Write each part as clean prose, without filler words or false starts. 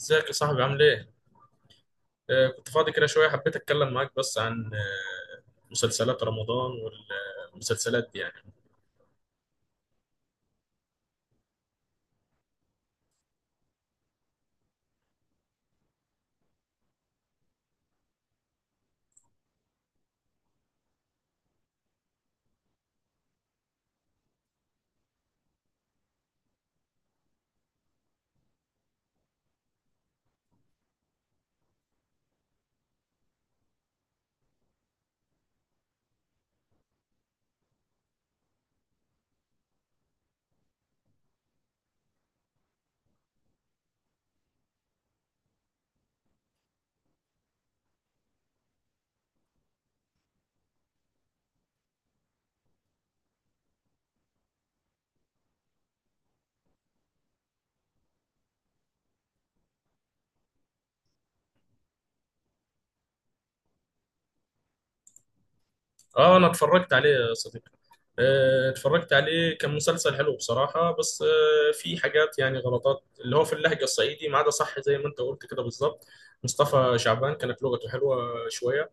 ازيك يا صاحبي؟ عامل ايه؟ كنت فاضي كده شوية، حبيت اتكلم معاك بس عن مسلسلات رمضان والمسلسلات دي يعني. اه، انا اتفرجت عليه يا صديقي. اتفرجت عليه، كان مسلسل حلو بصراحة، بس في حاجات يعني غلطات، اللي هو في اللهجة الصعيدي ما عدا صح زي ما انت قلت كده بالظبط. مصطفى شعبان كانت لغته حلوة شوية.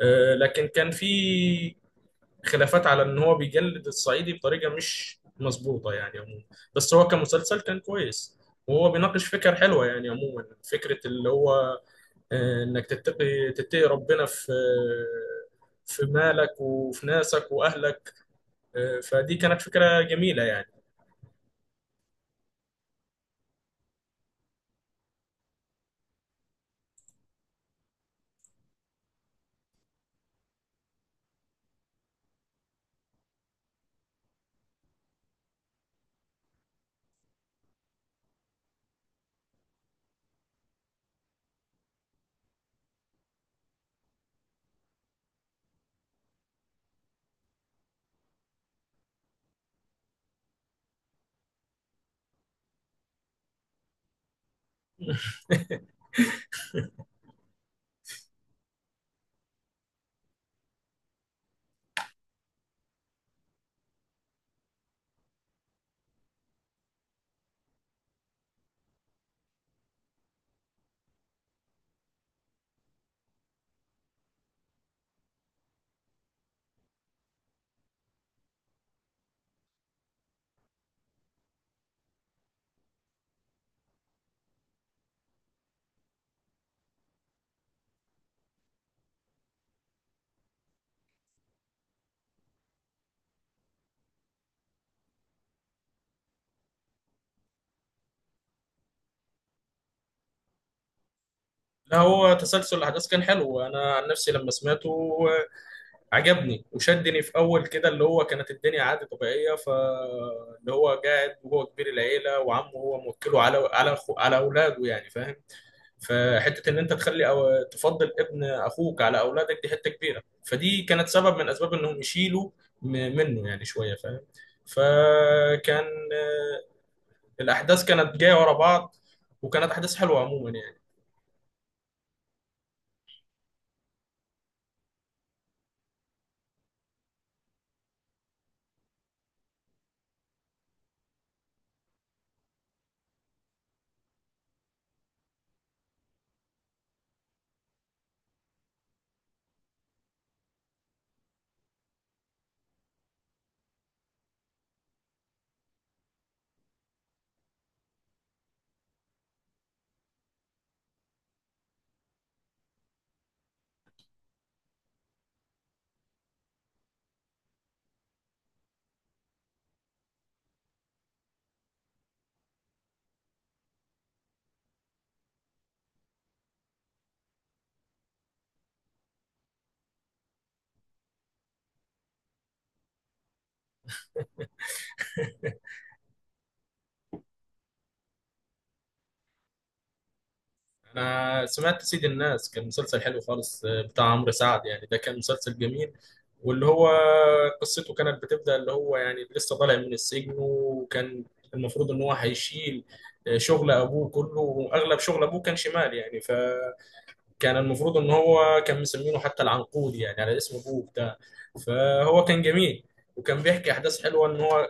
لكن كان في خلافات على ان هو بيجلد الصعيدي بطريقه مش مظبوطه يعني عموما. بس هو كمسلسل كان كويس، وهو بيناقش فكر حلوه يعني عموما. فكره اللي هو، انك تتقي ربنا في، في مالك وفي ناسك واهلك. فدي كانت فكره جميله يعني. لا، هو تسلسل الاحداث كان حلو، انا عن نفسي لما سمعته آه، عجبني وشدني في اول كده، اللي هو كانت الدنيا عادي طبيعيه، فاللي هو قاعد وهو كبير العيله، وعمه هو موكله على أخو على اولاده يعني، فاهم؟ فحته ان انت تخلي أو تفضل ابن اخوك على اولادك دي حته كبيره، فدي كانت سبب من اسباب انهم يشيلوا م- منه يعني شويه، فاهم؟ فكان، آه، الاحداث كانت جايه ورا بعض، وكانت احداث حلوه عموما يعني. انا سمعت سيد الناس، كان مسلسل حلو خالص، بتاع عمرو سعد، يعني ده كان مسلسل جميل. واللي هو قصته كانت بتبدأ، اللي هو يعني لسه طالع من السجن، وكان المفروض ان هو هيشيل شغل ابوه كله، واغلب شغل ابوه كان شمال يعني. فكان المفروض ان هو كان مسمينه حتى العنقود يعني، على اسم ابوه بتاع. فهو كان جميل، وكان بيحكي احداث حلوه ان هو،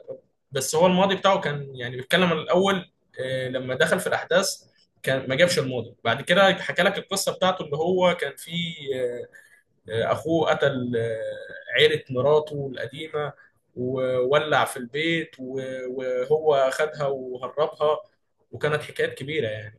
بس هو الماضي بتاعه كان يعني بيتكلم عن الاول. لما دخل في الاحداث، كان ما جابش الماضي بعد كده، حكى لك القصه بتاعته اللي هو كان فيه، اخوه قتل، عيله مراته القديمه، وولع في البيت، وهو خدها وهربها، وكانت حكايات كبيره.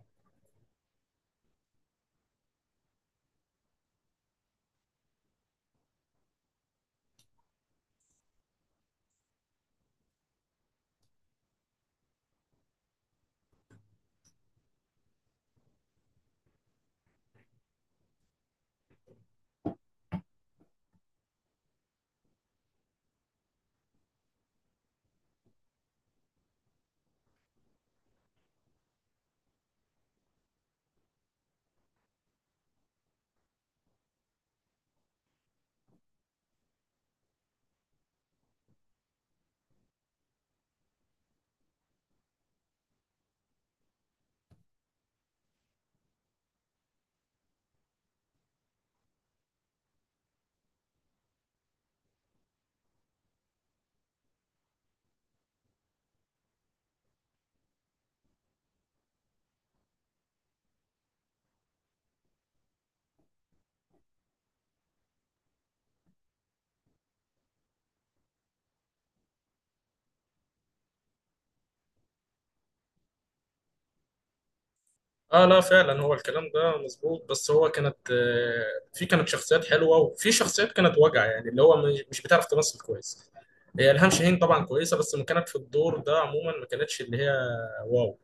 اه، لا فعلا هو الكلام ده مظبوط. بس هو كانت، في كانت شخصيات حلوه، وفي شخصيات كانت وجع يعني، اللي هو مش بتعرف تمثل كويس. هي الهام شاهين طبعا كويسه، بس ما كانت في الدور ده عموما، ما كانتش اللي هي واو،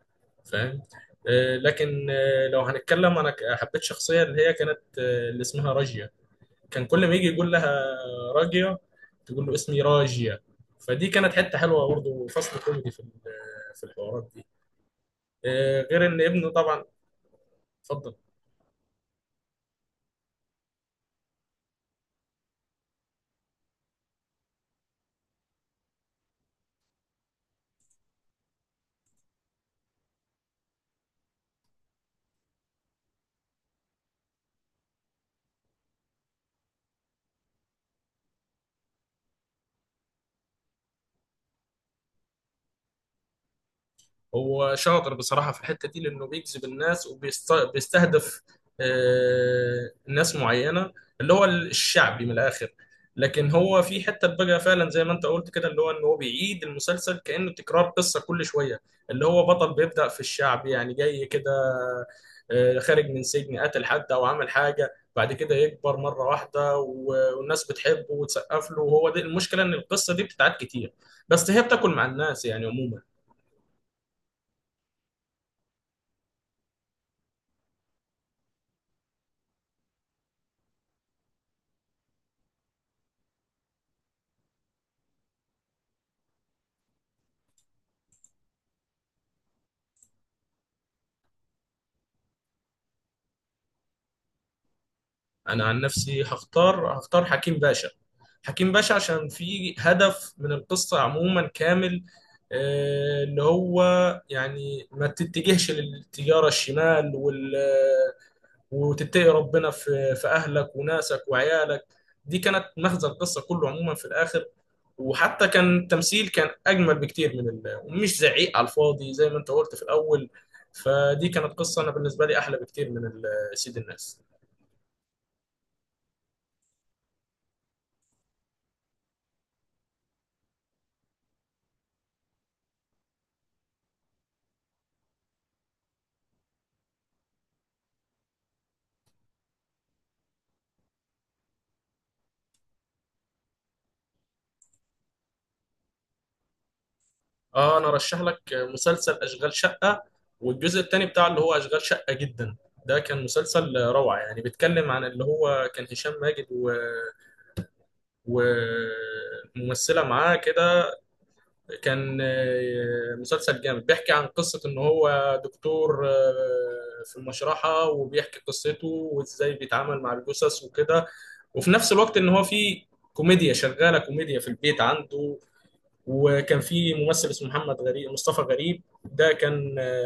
فاهم؟ لكن، لو هنتكلم، انا حبيت شخصيه اللي هي كانت، اللي اسمها راجيا. كان كل ما يجي يقول لها راجيا، تقول له اسمي راجيا. فدي كانت حته حلوه برضه، فصل كوميدي في في الحوارات دي. غير ان ابنه طبعا. اتفضل. هو شاطر بصراحة في الحتة دي، لأنه بيجذب الناس وبيستهدف ناس معينة، اللي هو الشعبي من الآخر. لكن هو في حتة بقى فعلا زي ما أنت قلت كده، اللي هو إن هو بيعيد المسلسل كأنه تكرار قصة كل شوية. اللي هو بطل بيبدأ في الشعب يعني، جاي كده، خارج من سجن، قتل حد أو عمل حاجة، بعد كده يكبر مرة واحدة، والناس بتحبه وتسقف له، وهو دي المشكلة، إن القصة دي بتتعاد كتير، بس هي بتاكل مع الناس يعني عموما. انا عن نفسي هختار حكيم باشا. حكيم باشا عشان في هدف من القصة عموما كامل، اللي هو يعني ما تتجهش للتجارة الشمال وتتقي ربنا في في اهلك وناسك وعيالك. دي كانت مغزى القصة كله عموما في الاخر. وحتى كان التمثيل كان اجمل بكتير من ومش زعيق على الفاضي زي ما انت قلت في الاول. فدي كانت قصة انا بالنسبة لي احلى بكتير من سيد الناس. اه، انا ارشح لك مسلسل اشغال شقه، والجزء الثاني بتاع اللي هو اشغال شقه جدا. ده كان مسلسل روعه يعني، بيتكلم عن اللي هو كان هشام ماجد وممثله معاه كده. كان، مسلسل جامد بيحكي عن قصه ان هو دكتور، في المشرحه، وبيحكي قصته وازاي بيتعامل مع الجثث وكده. وفي نفس الوقت ان هو في كوميديا شغاله، كوميديا في البيت عنده. وكان في ممثل اسمه محمد غريب، مصطفى غريب، ده كان،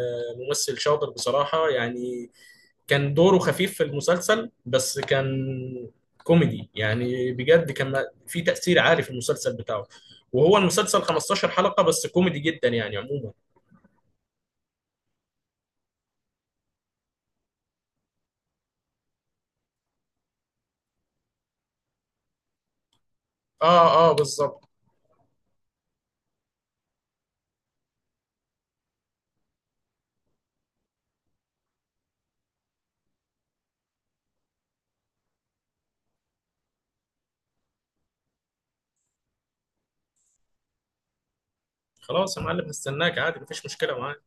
ممثل شاطر بصراحة يعني. كان دوره خفيف في المسلسل، بس كان كوميدي يعني بجد. كان في تأثير عالي في المسلسل بتاعه. وهو المسلسل 15 حلقة بس، كوميدي جدا يعني عموما. اه اه بالظبط. خلاص يا معلم، هستناك عادي مفيش مشكلة معاك،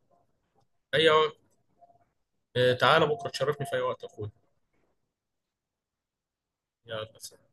اي وقت. تعالى بكرة تشرفني في اي وقت يا اخويا. يلا سلام.